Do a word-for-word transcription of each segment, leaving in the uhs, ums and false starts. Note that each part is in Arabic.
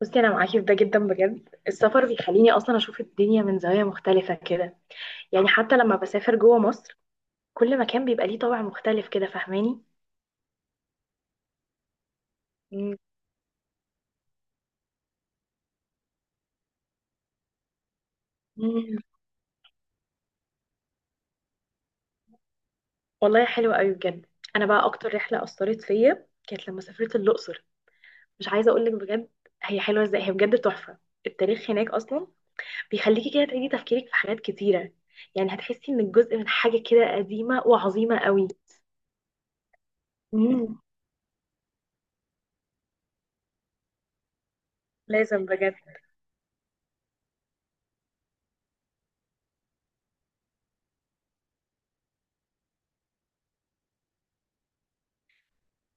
بصي، انا معاكي في ده جدا بجد. السفر بيخليني اصلا اشوف الدنيا من زاويه مختلفه كده. يعني حتى لما بسافر جوه مصر كل مكان بيبقى ليه طابع مختلف كده، فاهماني؟ مم. مم. والله حلو قوي بجد. انا بقى اكتر رحله اثرت فيا كانت لما سافرت الاقصر. مش عايزه اقول لك بجد هي حلوه ازاي، هي بجد تحفه. التاريخ هناك اصلا بيخليكي كده تعيدي تفكيرك في حاجات كتيره. يعني هتحسي انك جزء من حاجه كده قديمه وعظيمه قوي. مم. لازم بجد.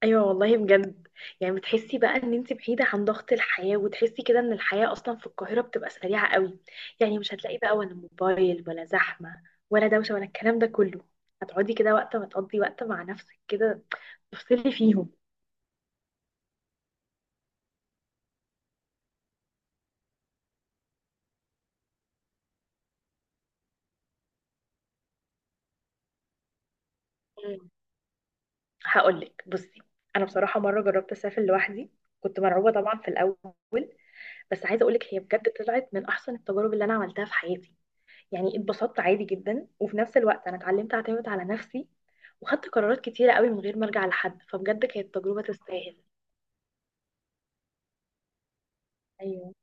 ايوه والله بجد. يعني بتحسي بقى ان انت بعيده عن ضغط الحياه، وتحسي كده ان الحياه اصلا في القاهره بتبقى سريعه قوي. يعني مش هتلاقي بقى ولا موبايل ولا زحمه ولا دوشه ولا الكلام ده كله. هتقعدي كده وقت ما تقضي وقت مع نفسك كده، تفصلي فيهم. مم. هقولك بصي، انا بصراحه مره جربت اسافر لوحدي. كنت مرعوبه طبعا في الاول. بس عايزه اقولك هي بجد طلعت من احسن التجارب اللي انا عملتها في حياتي. يعني اتبسطت عادي جدا، وفي نفس الوقت انا اتعلمت اعتمد على نفسي وخدت قرارات كتيرة قوي من غير ما ارجع لحد. فبجد كانت تجربة تستاهل. ايوه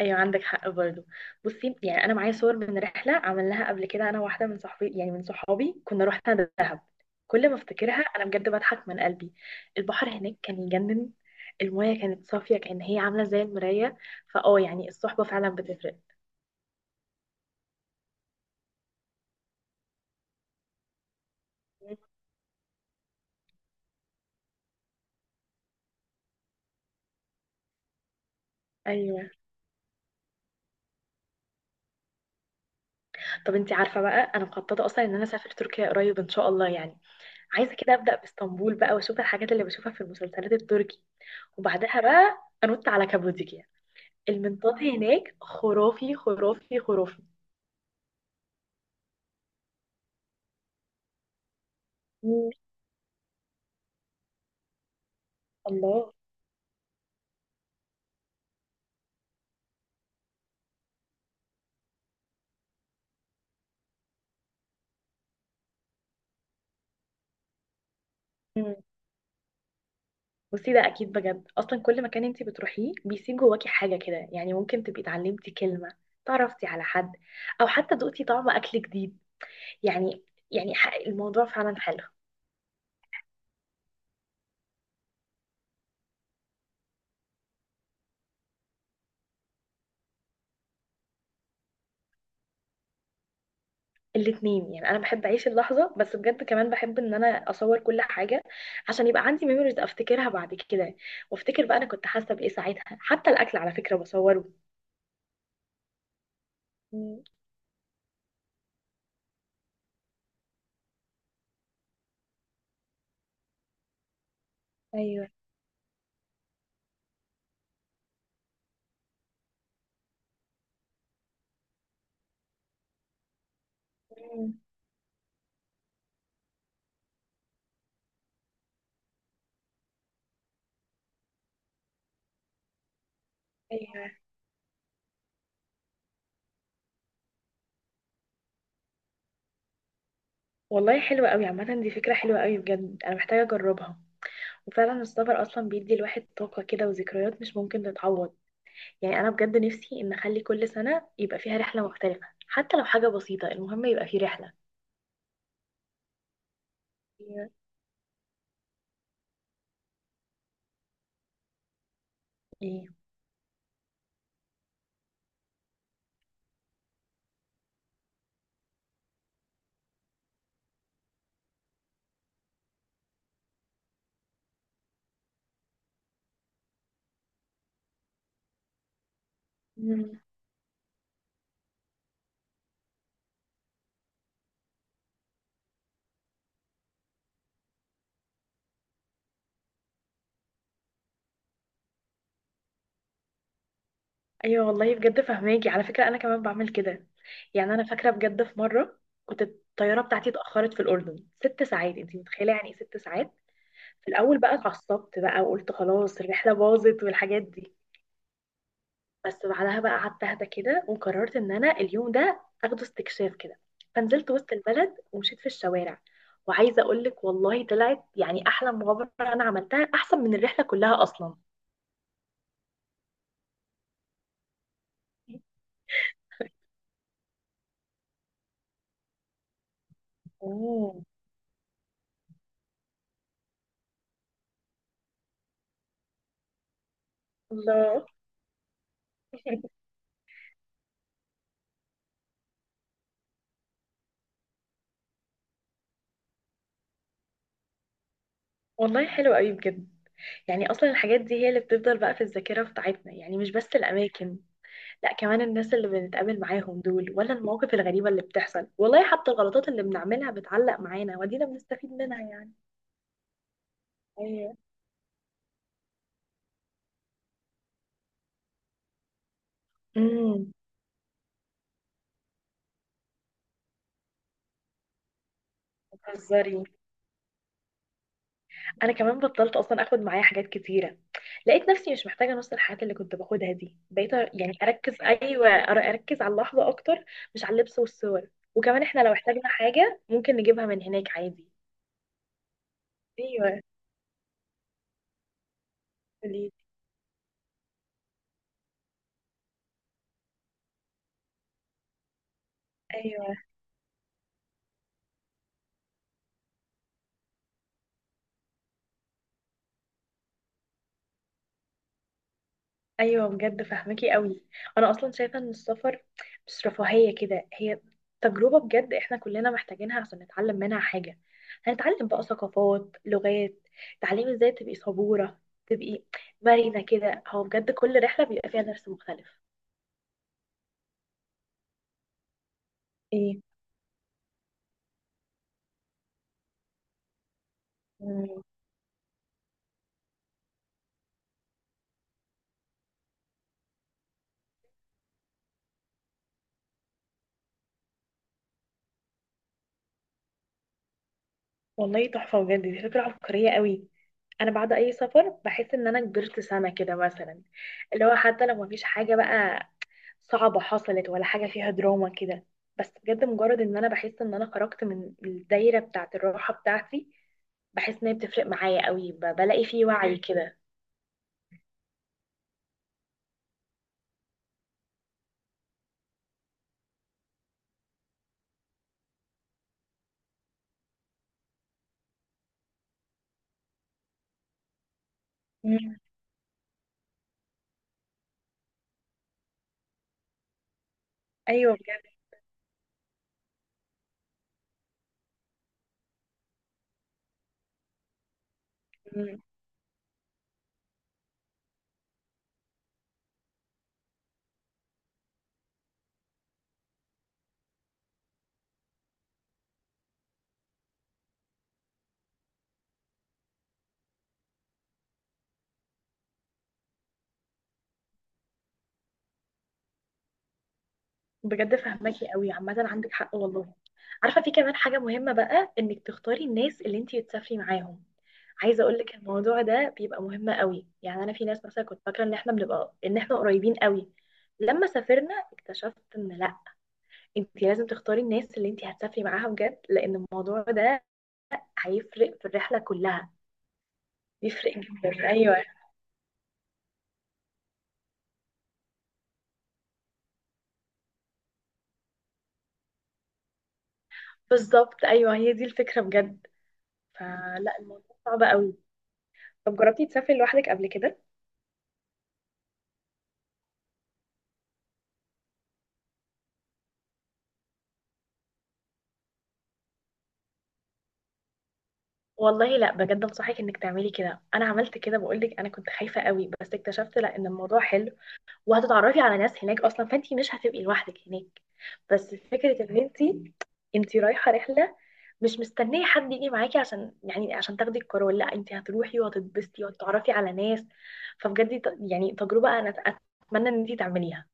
ايوه عندك حق برضو. بصي يعني انا معايا صور من رحله عملناها قبل كده انا واحده من صحابي، يعني من صحابي كنا رحنا دهب. كل ما افتكرها انا بجد بضحك من قلبي. البحر هناك كان يجنن. المايه كانت صافيه، كان هي عامله زي المرايه. فاه يعني الصحبه فعلا بتفرق. ايوه. طب انتي عارفه بقى انا مخططه اصلا ان انا اسافر تركيا قريب ان شاء الله؟ يعني عايزه كده ابدا باسطنبول بقى واشوف الحاجات اللي بشوفها في المسلسلات التركي، وبعدها بقى انط على كابوديكيا. المنطاد هناك خرافي خرافي خرافي. مم. الله. مم. بصي ده اكيد بجد. اصلا كل مكان انت بتروحيه بيسيب جواكي حاجه كده. يعني ممكن تبقي اتعلمتي كلمه، تعرفتي على حد، او حتى دقتي طعم اكل جديد. يعني يعني ح- الموضوع فعلا حلو. الاتنين يعني. انا بحب اعيش اللحظه، بس بجد كمان بحب ان انا اصور كل حاجه عشان يبقى عندي ميموريز افتكرها بعد كده، وافتكر بقى انا كنت حاسه بايه ساعتها. حتى الاكل على فكره بصوره. مم. ايوه. مم. ايوه والله حلوه قوي عامه، دي فكره حلوه قوي بجد، انا محتاجه اجربها. وفعلا السفر اصلا بيدي الواحد طاقه كده وذكريات مش ممكن تتعوض. يعني انا بجد نفسي ان اخلي كل سنه يبقى فيها رحله مختلفه، حتى لو حاجه بسيطه، المهم يبقى في رحله. ايوه. ايه. ايوه والله بجد فهماكي على فكره، انا كمان بعمل كده. يعني انا فاكره بجد في مره كنت الطياره بتاعتي اتاخرت في الاردن ست ساعات. انت متخيله يعني ايه ست ساعات؟ في الاول بقى اتعصبت بقى وقلت خلاص الرحله باظت والحاجات دي. بس بعدها بقى قعدت اهدى كده وقررت ان انا اليوم ده اخده استكشاف كده. فنزلت وسط البلد ومشيت في الشوارع. وعايزه اقول لك والله طلعت يعني احلى مغامره انا عملتها، احسن من الرحله كلها اصلا. اوه. الله. والله حلو قوي بجد. يعني اصلا الحاجات دي هي اللي بتفضل بقى في الذاكره بتاعتنا، يعني مش بس الاماكن، لا كمان الناس اللي بنتقابل معاهم دول، ولا المواقف الغريبه اللي بتحصل، والله حتى الغلطات اللي بنعملها بتعلق معانا ودينا بنستفيد منها يعني. ايوه. امم. بتهزري؟ انا كمان بطلت اصلا اخد معايا حاجات كتيره، لقيت نفسي مش محتاجه نص الحاجات اللي كنت باخدها دي. بقيت أ- يعني اركز، ايوه، أر- اركز على اللحظه اكتر، مش على اللبس والصور. وكمان احنا لو احتاجنا حاجه ممكن نجيبها من هناك عادي. ايوه. قوليلي. ايوه ايوه بجد فاهمكي قوي. انا اصلا شايفه ان السفر مش رفاهيه كده، هي تجربه بجد احنا كلنا محتاجينها عشان نتعلم منها حاجه. هنتعلم بقى ثقافات، لغات، تعليم ازاي تبقي صبوره، تبقي مرنه كده. هو بجد كل رحله بيبقى فيها درس مختلف. ايه. والله تحفة بجد، دي فكرة عبقرية قوي. أنا بعد أي سفر بحس إن أنا كبرت سنة كده مثلا، اللي هو حتى لو مفيش حاجة بقى صعبة حصلت ولا حاجة فيها دراما كده، بس بجد مجرد إن أنا بحس إن أنا خرجت من الدايرة بتاعة الراحة بتاعتي، بحس إن هي بتفرق معايا قوي. ب- بلاقي فيه وعي كده. مم. أيوه بجد بجد فهماكي قوي عامة، عندك حق والله. عارفة في كمان حاجة مهمة بقى، انك تختاري الناس اللي انتي تسافري معاهم. عايزة اقولك الموضوع ده بيبقى مهم قوي. يعني انا في ناس مثلا كنت فاكرة ان احنا بنبقى ان احنا قريبين قوي، لما سافرنا اكتشفت ان لا. انتي لازم تختاري الناس اللي انتي هتسافري معاها بجد، لان الموضوع ده هيفرق في الرحلة كلها. بيفرق جدا. ايوه بالظبط، ايوه، هي دي الفكرة بجد. فلا الموضوع صعب قوي. طب جربتي تسافري لوحدك قبل كده؟ والله لا، بجد انصحك انك تعملي كده. انا عملت كده بقول لك، انا كنت خايفه قوي بس اكتشفت لا، ان الموضوع حلو. وهتتعرفي على ناس هناك اصلا، فانتي مش هتبقي لوحدك هناك. بس فكره ان انتي انتي رايحه رحله، مش مستنيه حد يجي معاكي عشان يعني عشان تاخدي القرار. لا انتي هتروحي وهتتبسطي وهتتعرفي على ناس. فبجد ت- يعني تجربه انا اتمنى ان انتي تعمليها.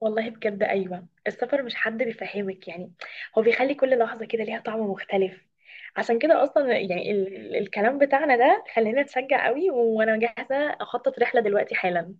والله بجد أيوة السفر مش حد بيفهمك يعني، هو بيخلي كل لحظة كده ليها طعم مختلف. عشان كده أصلا يعني ال ال- الكلام بتاعنا ده خلينا نتشجع قوي وأنا جاهزة أخطط رحلة دلوقتي حالا.